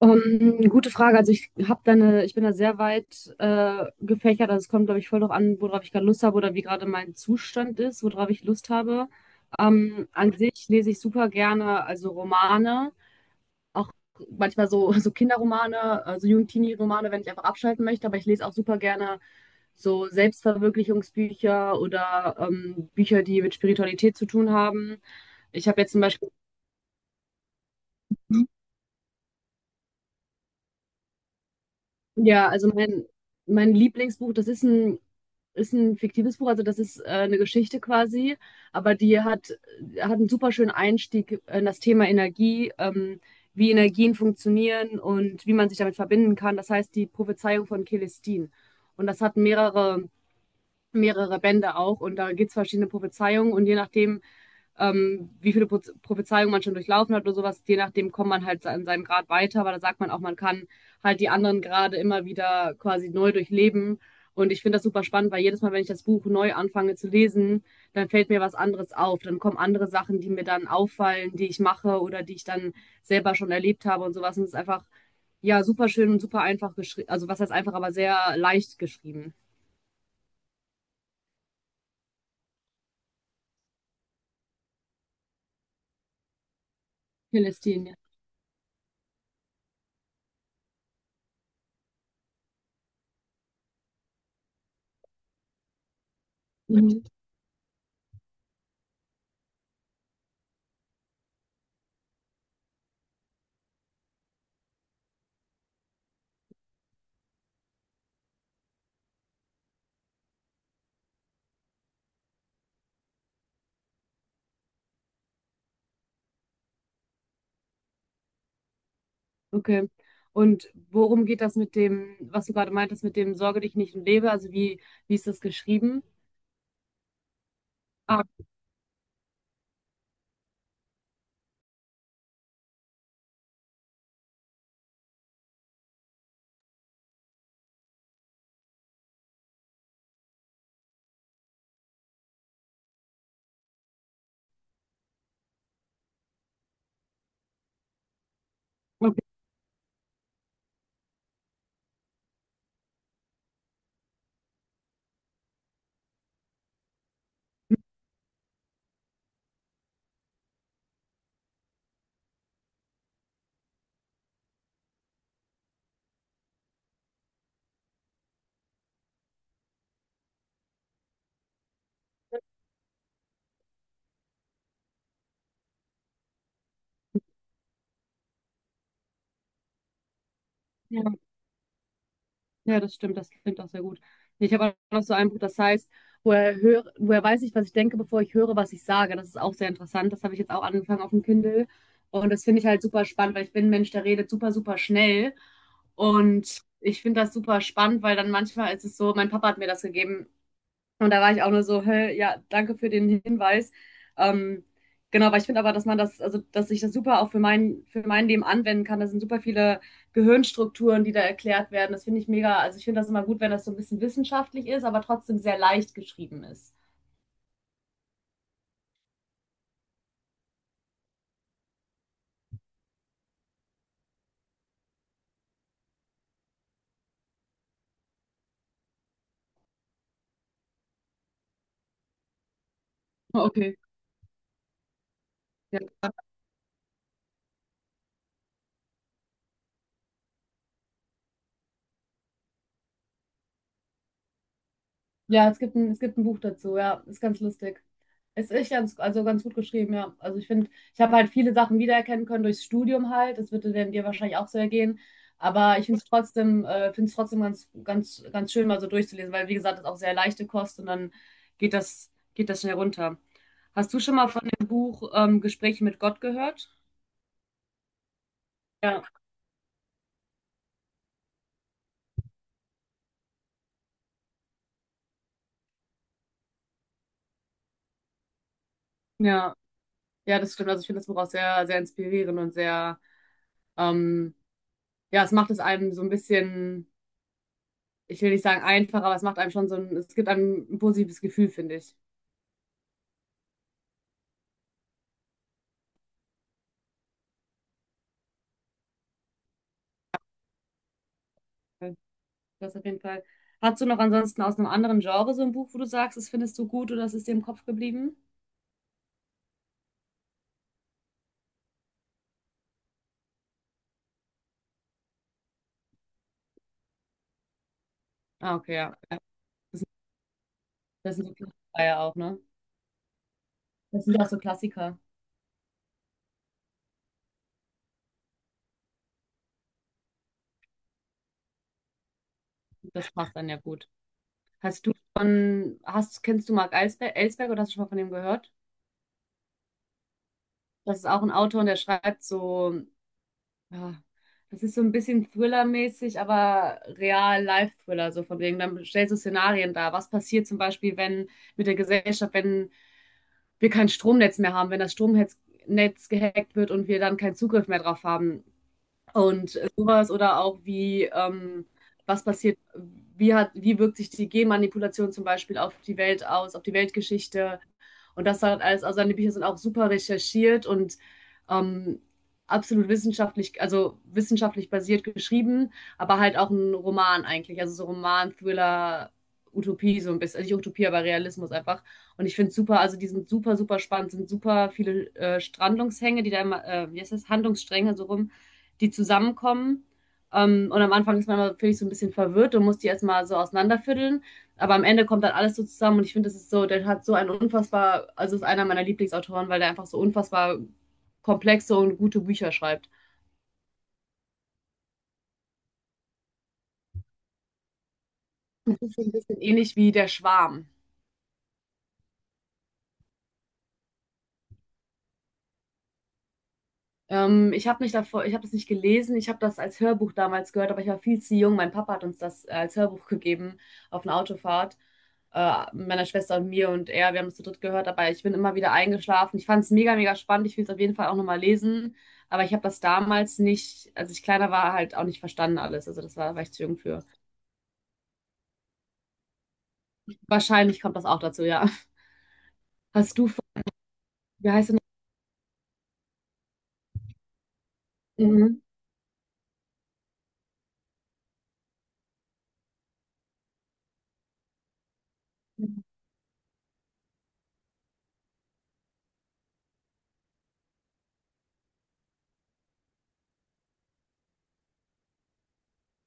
Gute Frage. Also ich bin da sehr weit gefächert. Also es kommt, glaube ich, voll drauf an, worauf ich gerade Lust habe oder wie gerade mein Zustand ist, worauf ich Lust habe. An sich lese ich super gerne, also Romane, auch manchmal so Kinderromane, also Jugendtini-Romane, wenn ich einfach abschalten möchte. Aber ich lese auch super gerne so Selbstverwirklichungsbücher oder Bücher, die mit Spiritualität zu tun haben. Ich habe jetzt zum Beispiel Ja, also mein Lieblingsbuch, das ist ein fiktives Buch, also das ist eine Geschichte quasi, aber die hat einen super schönen Einstieg in das Thema Energie, wie Energien funktionieren und wie man sich damit verbinden kann. Das heißt die Prophezeiung von Celestine. Und das hat mehrere Bände auch und da gibt es verschiedene Prophezeiungen und je nachdem, wie viele Prophezeiungen man schon durchlaufen hat oder sowas. Je nachdem kommt man halt an seinem Grad weiter, aber da sagt man auch, man kann halt die anderen Grade immer wieder quasi neu durchleben. Und ich finde das super spannend, weil jedes Mal, wenn ich das Buch neu anfange zu lesen, dann fällt mir was anderes auf. Dann kommen andere Sachen, die mir dann auffallen, die ich mache oder die ich dann selber schon erlebt habe und sowas. Und es ist einfach, ja, super schön und super einfach geschrieben. Also was heißt einfach, aber sehr leicht geschrieben. Celestine. Mhm. Okay. Und worum geht das mit dem, was du gerade meintest, mit dem Sorge dich nicht und lebe? Also wie ist das geschrieben? Ah, okay. Ja, ja, das stimmt, das klingt auch sehr gut. Ich habe auch noch so ein Buch, das heißt, woher weiß ich, was ich denke, bevor ich höre, was ich sage. Das ist auch sehr interessant. Das habe ich jetzt auch angefangen auf dem Kindle. Und das finde ich halt super spannend, weil ich bin ein Mensch, der redet super, super schnell. Und ich finde das super spannend, weil dann manchmal ist es so, mein Papa hat mir das gegeben. Und da war ich auch nur so, hä, ja, danke für den Hinweis. Ähm, genau, weil ich finde aber, dass man das, also dass ich das super auch für mein Leben anwenden kann. Da sind super viele Gehirnstrukturen, die da erklärt werden. Das finde ich mega, also ich finde das immer gut, wenn das so ein bisschen wissenschaftlich ist, aber trotzdem sehr leicht geschrieben ist. Okay. Ja. Ja, es gibt ein Buch dazu, ja, ist ganz lustig. Es ist ganz, also ganz gut geschrieben, ja. Also ich finde, ich habe halt viele Sachen wiedererkennen können durchs Studium halt. Das würde dann dir wahrscheinlich auch so ergehen. Aber ich finde es trotzdem ganz, ganz, ganz schön, mal so durchzulesen, weil wie gesagt, das ist auch sehr leichte Kost und dann geht das schnell runter. Hast du schon mal von dem Buch Gespräche mit Gott gehört? Ja, ja, ja, das stimmt. Also ich finde das Buch auch sehr, sehr inspirierend und sehr, ähm, ja, es macht es einem so ein bisschen. Ich will nicht sagen einfach, aber es gibt einem ein positives Gefühl, finde ich. Das auf jeden Fall. Hast du noch ansonsten aus einem anderen Genre so ein Buch, wo du sagst, das findest du gut oder das ist dir im Kopf geblieben? Ah, okay, ja. Ja, Das sind, das sind so Klassiker ja auch, ne? Das sind auch so Klassiker. Das passt dann ja gut. Hast du von, hast, kennst du Mark Elsberg oder hast du schon mal von dem gehört? Das ist auch ein Autor und der schreibt so. Ja, das ist so ein bisschen Thriller-mäßig, aber Real-Life-Thriller, so von wegen. Dann stellst du Szenarien dar. Was passiert zum Beispiel, wenn mit der Gesellschaft, wenn wir kein Stromnetz mehr haben, wenn das Stromnetz Netz gehackt wird und wir dann keinen Zugriff mehr drauf haben? Und sowas oder auch wie, was passiert, wie wirkt sich die Genmanipulation zum Beispiel auf die Welt aus, auf die Weltgeschichte und das halt alles. Also seine Bücher sind auch super recherchiert und ähm, absolut wissenschaftlich, also wissenschaftlich basiert geschrieben, aber halt auch ein Roman eigentlich, also so Roman, Thriller, Utopie so ein bisschen, also nicht Utopie, aber Realismus einfach. Und ich finde es super, also die sind super, super spannend, sind super viele Strandungshänge, die da immer, wie heißt das, Handlungsstränge so rum, die zusammenkommen. Und am Anfang ist man immer, finde so ein bisschen verwirrt und muss die erstmal so auseinanderfütteln. Aber am Ende kommt dann alles so zusammen und ich finde, das ist so, der hat so einen unfassbar, also ist einer meiner Lieblingsautoren, weil der einfach so unfassbar komplexe und gute Bücher schreibt. Das ist so ein bisschen ähnlich wie Der Schwarm. Ich habe das nicht gelesen, ich habe das als Hörbuch damals gehört, aber ich war viel zu jung. Mein Papa hat uns das als Hörbuch gegeben auf einer Autofahrt. Meiner Schwester und mir und er, wir haben es zu dritt gehört, aber ich bin immer wieder eingeschlafen. Ich fand es mega, mega spannend. Ich will es auf jeden Fall auch nochmal lesen. Aber ich habe das damals nicht, als ich kleiner war, halt auch nicht verstanden alles. Also das war, war ich zu jung für. Wahrscheinlich kommt das auch dazu, ja. Hast du, wie heißt denn das? Mhm.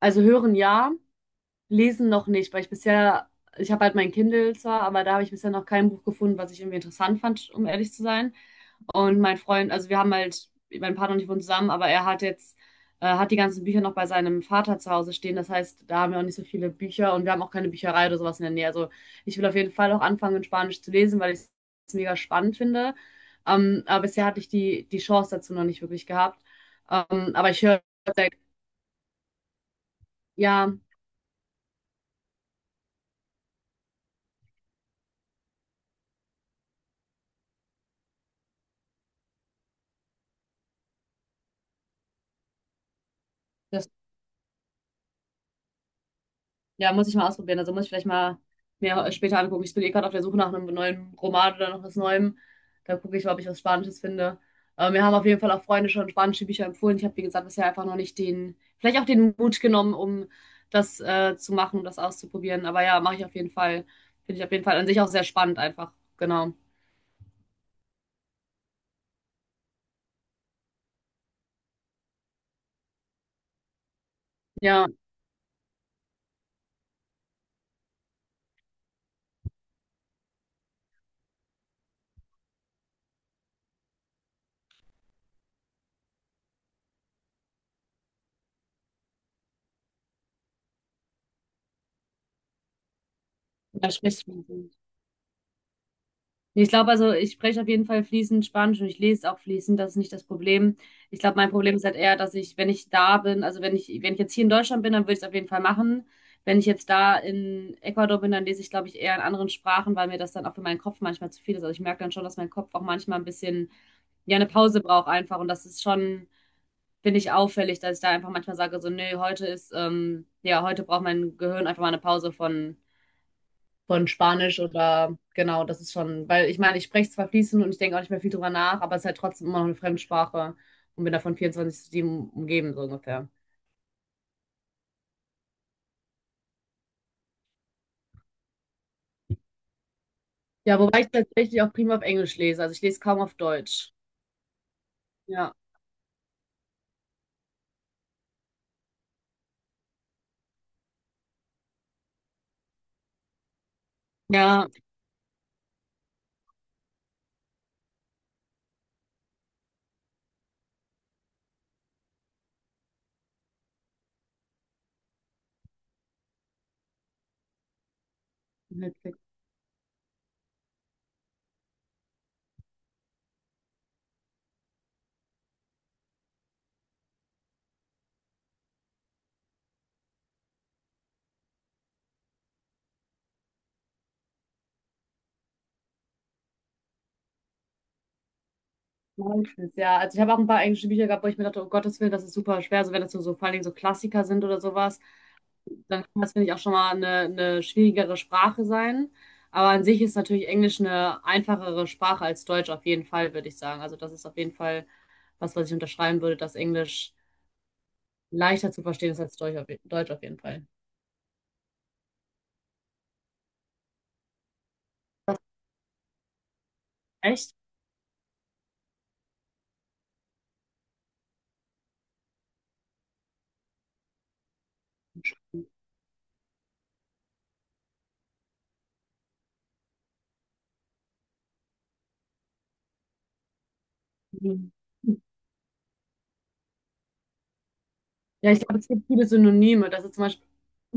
Also hören ja, lesen noch nicht, weil ich bisher, ich habe halt mein Kindle zwar, aber da habe ich bisher noch kein Buch gefunden, was ich irgendwie interessant fand, um ehrlich zu sein. Und mein Freund, also wir haben halt, mein Partner und ich wohnen zusammen, aber er hat jetzt, hat die ganzen Bücher noch bei seinem Vater zu Hause stehen. Das heißt, da haben wir auch nicht so viele Bücher und wir haben auch keine Bücherei oder sowas in der Nähe. Also ich will auf jeden Fall auch anfangen, in Spanisch zu lesen, weil ich es mega spannend finde. Aber bisher hatte ich die Chance dazu noch nicht wirklich gehabt. Aber ich höre, ja, das. Ja, muss ich mal ausprobieren. Also muss ich vielleicht mal mir später angucken. Ich bin eh gerade auf der Suche nach einem neuen Roman oder noch was Neuem. Da gucke ich mal, ob ich was Spanisches finde. Mir haben auf jeden Fall auch Freunde schon spanische Bücher empfohlen. Ich habe, wie gesagt, bisher einfach noch nicht den, vielleicht auch den Mut genommen, um das zu machen, um das auszuprobieren. Aber ja, mache ich auf jeden Fall. Finde ich auf jeden Fall an sich auch sehr spannend einfach. Genau. Ja, da sprichst du. Ich glaube, also ich spreche auf jeden Fall fließend Spanisch und ich lese auch fließend, das ist nicht das Problem. Ich glaube, mein Problem ist halt eher, dass ich, wenn ich da bin, also wenn ich, jetzt hier in Deutschland bin, dann würde ich es auf jeden Fall machen. Wenn ich jetzt da in Ecuador bin, dann lese ich, glaube ich, eher in anderen Sprachen, weil mir das dann auch für meinen Kopf manchmal zu viel ist. Also ich merke dann schon, dass mein Kopf auch manchmal ein bisschen, ja, eine Pause braucht einfach. Und das ist schon, finde ich, auffällig, dass ich da einfach manchmal sage, so, nee, heute ist, ja, heute braucht mein Gehirn einfach mal eine Pause von Spanisch oder genau, das ist schon, weil ich meine, ich spreche zwar fließend und ich denke auch nicht mehr viel drüber nach, aber es ist halt trotzdem immer noch eine Fremdsprache und bin davon 24/7 umgeben, so ungefähr. Ja, wobei ich tatsächlich auch prima auf Englisch lese, also ich lese kaum auf Deutsch. Ja, ja, witzig. Meistens, ja. Also ich habe auch ein paar englische Bücher gehabt, wo ich mir dachte, oh Gottes Willen, das ist super schwer, so wenn das so, so vor allen Dingen so Klassiker sind oder sowas. Dann kann das, finde ich, auch schon mal eine schwierigere Sprache sein. Aber an sich ist natürlich Englisch eine einfachere Sprache als Deutsch auf jeden Fall, würde ich sagen. Also das ist auf jeden Fall was, was ich unterschreiben würde, dass Englisch leichter zu verstehen ist als Deutsch auf, je- Deutsch auf jeden Fall. Echt? Mhm. Ja, ich glaube, es gibt viele Synonyme. Das ist zum Beispiel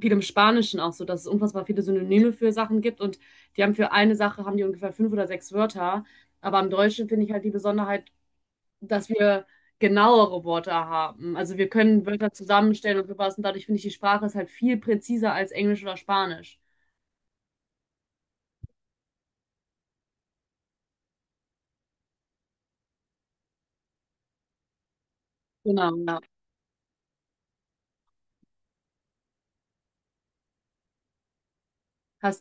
viel im Spanischen auch so, dass es unfassbar viele Synonyme für Sachen gibt und die haben für eine Sache, haben die ungefähr fünf oder sechs Wörter. Aber im Deutschen finde ich halt die Besonderheit, dass wir genauere Wörter haben. Also wir können Wörter zusammenstellen und sowas und dadurch finde ich, die Sprache ist halt viel präziser als Englisch oder Spanisch. Genau, ja. Hast